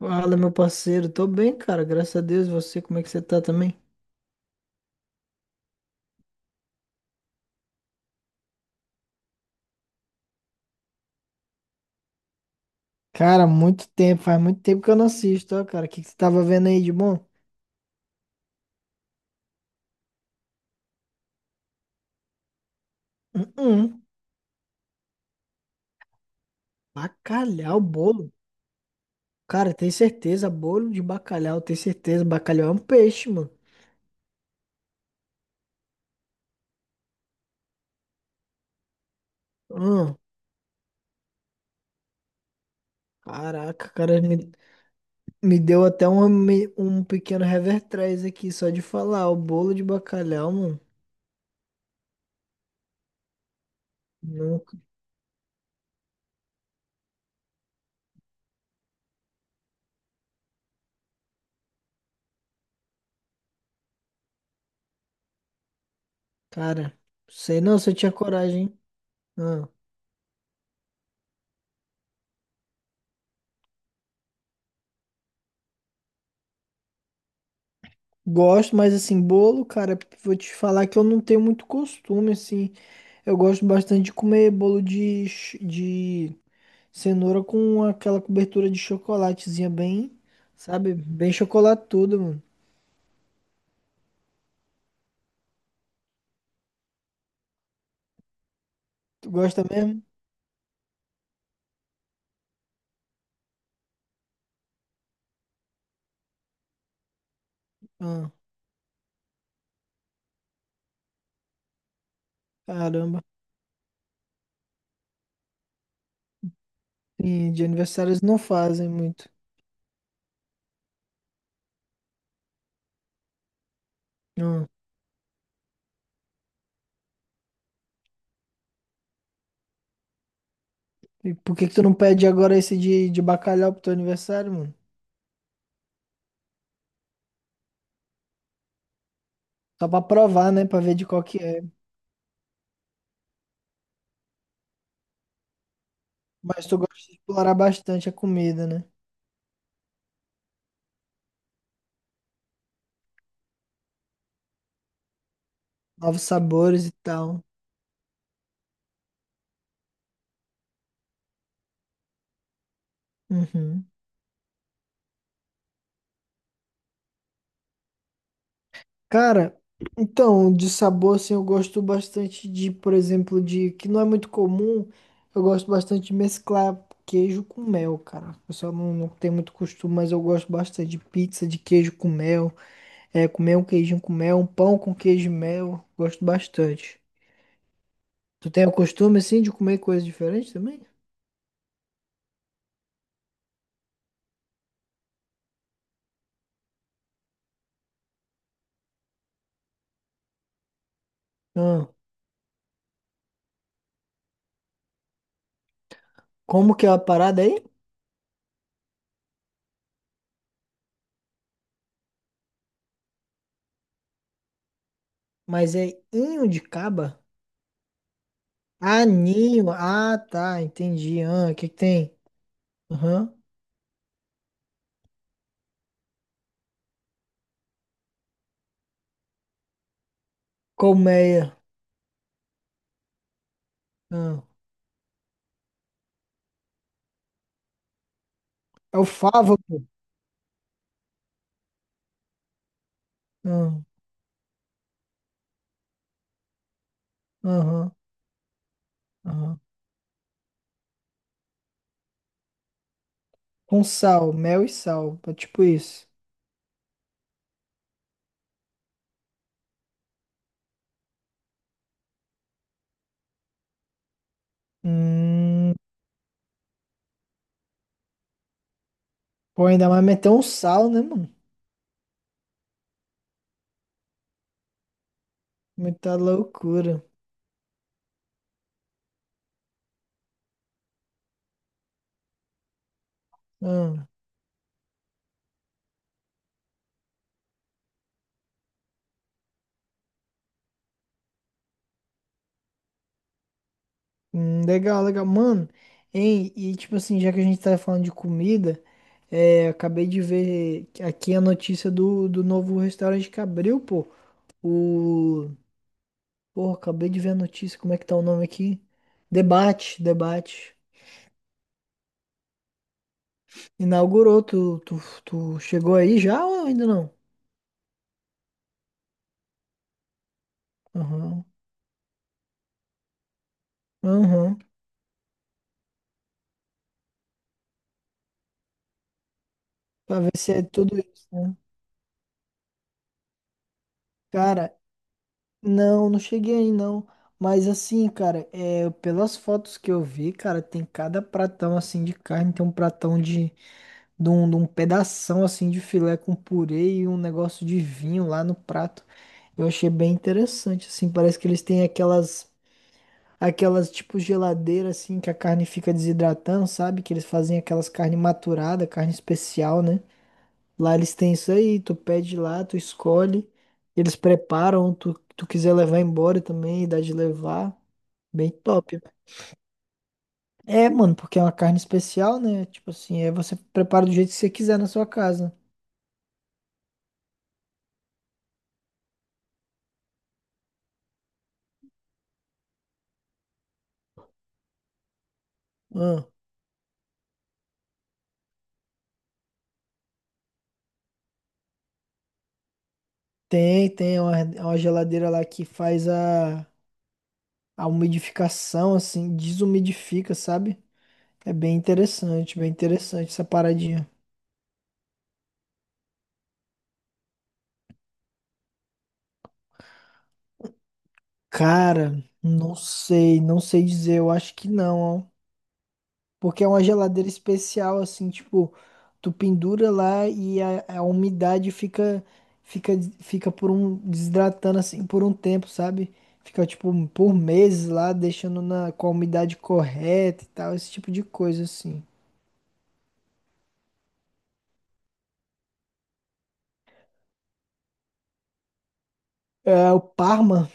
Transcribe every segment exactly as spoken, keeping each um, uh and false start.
Fala, meu parceiro. Tô bem, cara. Graças a Deus. E você, como é que você tá também? Cara, muito tempo, faz muito tempo que eu não assisto, ó, cara. O que que você tava vendo aí de bom? Hum. Bacalhau, bolo. Cara, tem certeza. Bolo de bacalhau, tem certeza. Bacalhau é um peixe, mano. Hum. Caraca, cara, me, me deu até um, me- um pequeno revertrés aqui, só de falar. O bolo de bacalhau, mano. Nunca. Cara, sei não se eu tinha coragem, hein? Hum. Gosto, mas assim, bolo, cara, vou te falar que eu não tenho muito costume, assim. Eu gosto bastante de comer bolo de, ch- de cenoura com aquela cobertura de chocolatezinha bem, sabe? Bem chocolatudo, mano. Tu gosta mesmo? Ah, caramba. Sim, de aniversário eles não fazem muito. Ah, e por que que tu não pede agora esse de, de bacalhau pro teu aniversário, mano? Só pra provar, né? Pra ver de qual que é. Mas tu gosta de explorar bastante a comida, né? Novos sabores e tal. Uhum. Cara, então, de sabor, assim, eu gosto bastante de, por exemplo, de, que não é muito comum, eu gosto bastante de mesclar queijo com mel, cara. O pessoal não, não tem muito costume, mas eu gosto bastante de pizza de queijo com mel, é, comer um queijinho com mel, um pão com queijo e mel, gosto bastante. Tu tem o costume, assim, de comer coisas diferentes também? Ah, como que é a parada aí? Mas é inho de caba? Ah, ninho, ah, tá, entendi, ah, o que que tem? Aham. Colmeia. Ah, é o favo, pô. Ah. Aham, aham. Com sal, mel e sal. É tipo isso. Hum, pô, ainda mais meter um sal, né, mano? Muita loucura. Ah, hum, legal, legal. Mano, hein? E tipo assim, já que a gente tá falando de comida, é, acabei de ver aqui a notícia do, do novo restaurante que abriu, pô. O. Porra, acabei de ver a notícia. Como é que tá o nome aqui? Debate, debate. Inaugurou, tu, tu, tu chegou aí já ou ainda não? Aham, aham. Pra ver se é tudo isso, né? Cara, não, não cheguei aí não. Mas assim, cara, é, pelas fotos que eu vi, cara, tem cada pratão assim de carne, tem um pratão de, de um, de um pedação assim de filé com purê e um negócio de vinho lá no prato. Eu achei bem interessante, assim, parece que eles têm aquelas. Aquelas tipo geladeira assim que a carne fica desidratando, sabe? Que eles fazem aquelas carne maturada, carne especial, né? Lá eles têm isso aí, tu pede lá, tu escolhe, eles preparam, tu, tu quiser levar embora também, dá de levar, bem top. É, mano, porque é uma carne especial, né? Tipo assim, é você prepara do jeito que você quiser na sua casa. Ah, tem, tem uma, uma geladeira lá que faz a, a umidificação, assim, desumidifica, sabe? É bem interessante, bem interessante essa paradinha. Cara, não sei, não sei dizer, eu acho que não, ó. Porque é uma geladeira especial, assim, tipo, tu pendura lá e a, a umidade fica, fica, fica por um, desidratando assim por um tempo, sabe? Fica, tipo, por meses lá, deixando na, com a umidade correta e tal, esse tipo de coisa, assim. É, o Parma,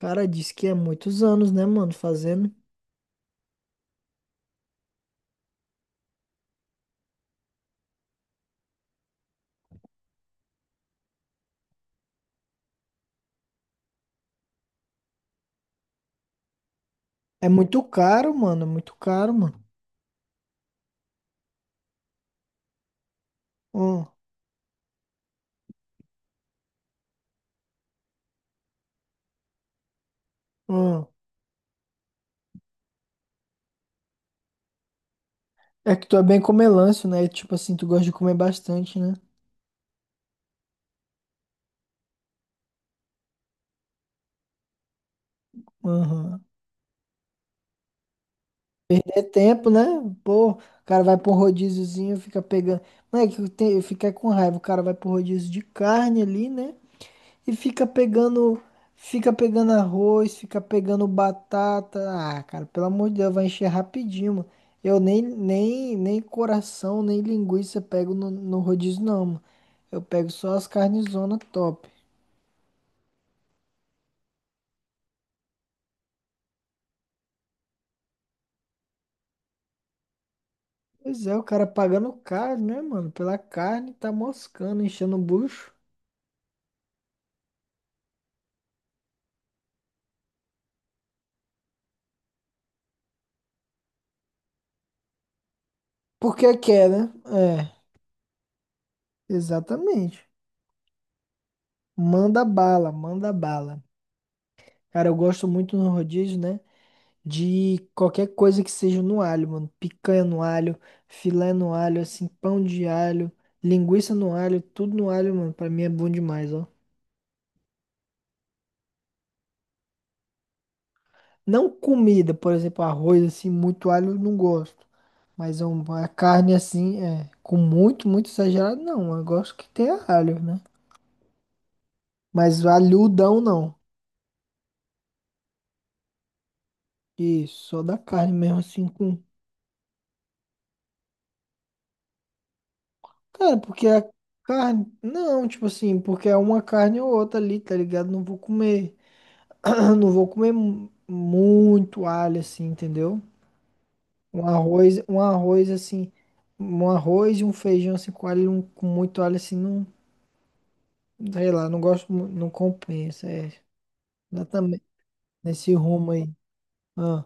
cara, diz que é muitos anos, né, mano, fazendo. É muito caro, mano, é muito caro, mano. Hum. É que tu é bem comelâncio, né? E tipo assim, tu gosta de comer bastante, né? Aham. Perder tempo, né? Pô, o cara vai pra um rodíziozinho, fica pegando. Moleque, eu te- eu fiquei com raiva. O cara vai pro rodízio de carne ali, né? E fica pegando. Fica pegando arroz, fica pegando batata. Ah, cara, pelo amor de Deus, vai encher rapidinho, mano. Eu nem, nem, nem coração, nem linguiça pego no, no rodízio, não, mano. Eu pego só as carnes zona top. Pois é, o cara pagando caro, né, mano? Pela carne, tá moscando, enchendo o bucho. Porque quer, né? É, exatamente. Manda bala, manda bala. Cara, eu gosto muito no rodízio, né? De qualquer coisa que seja no alho, mano. Picanha no alho, filé no alho, assim, pão de alho, linguiça no alho, tudo no alho, mano. Pra mim é bom demais, ó. Não comida, por exemplo, arroz assim, muito alho eu não gosto. Mas um, uma carne assim, é, com muito, muito exagerado, não. Eu gosto que tenha alho, né? Mas alhudão não. Isso, só da carne mesmo assim com. Cara, porque a carne. Não, tipo assim, porque é uma carne ou outra ali, tá ligado? Não vou comer. Não vou comer mu- muito alho assim, entendeu? Um arroz, um arroz assim. Um arroz e um feijão assim com alho, um- com muito alho assim, não. Sei lá, não gosto, mu- não compensa, é. Dá nesse rumo aí. Ah,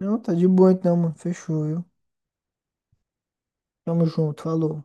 não, tá de boa então, mano. Fechou, viu? Tamo junto, falou.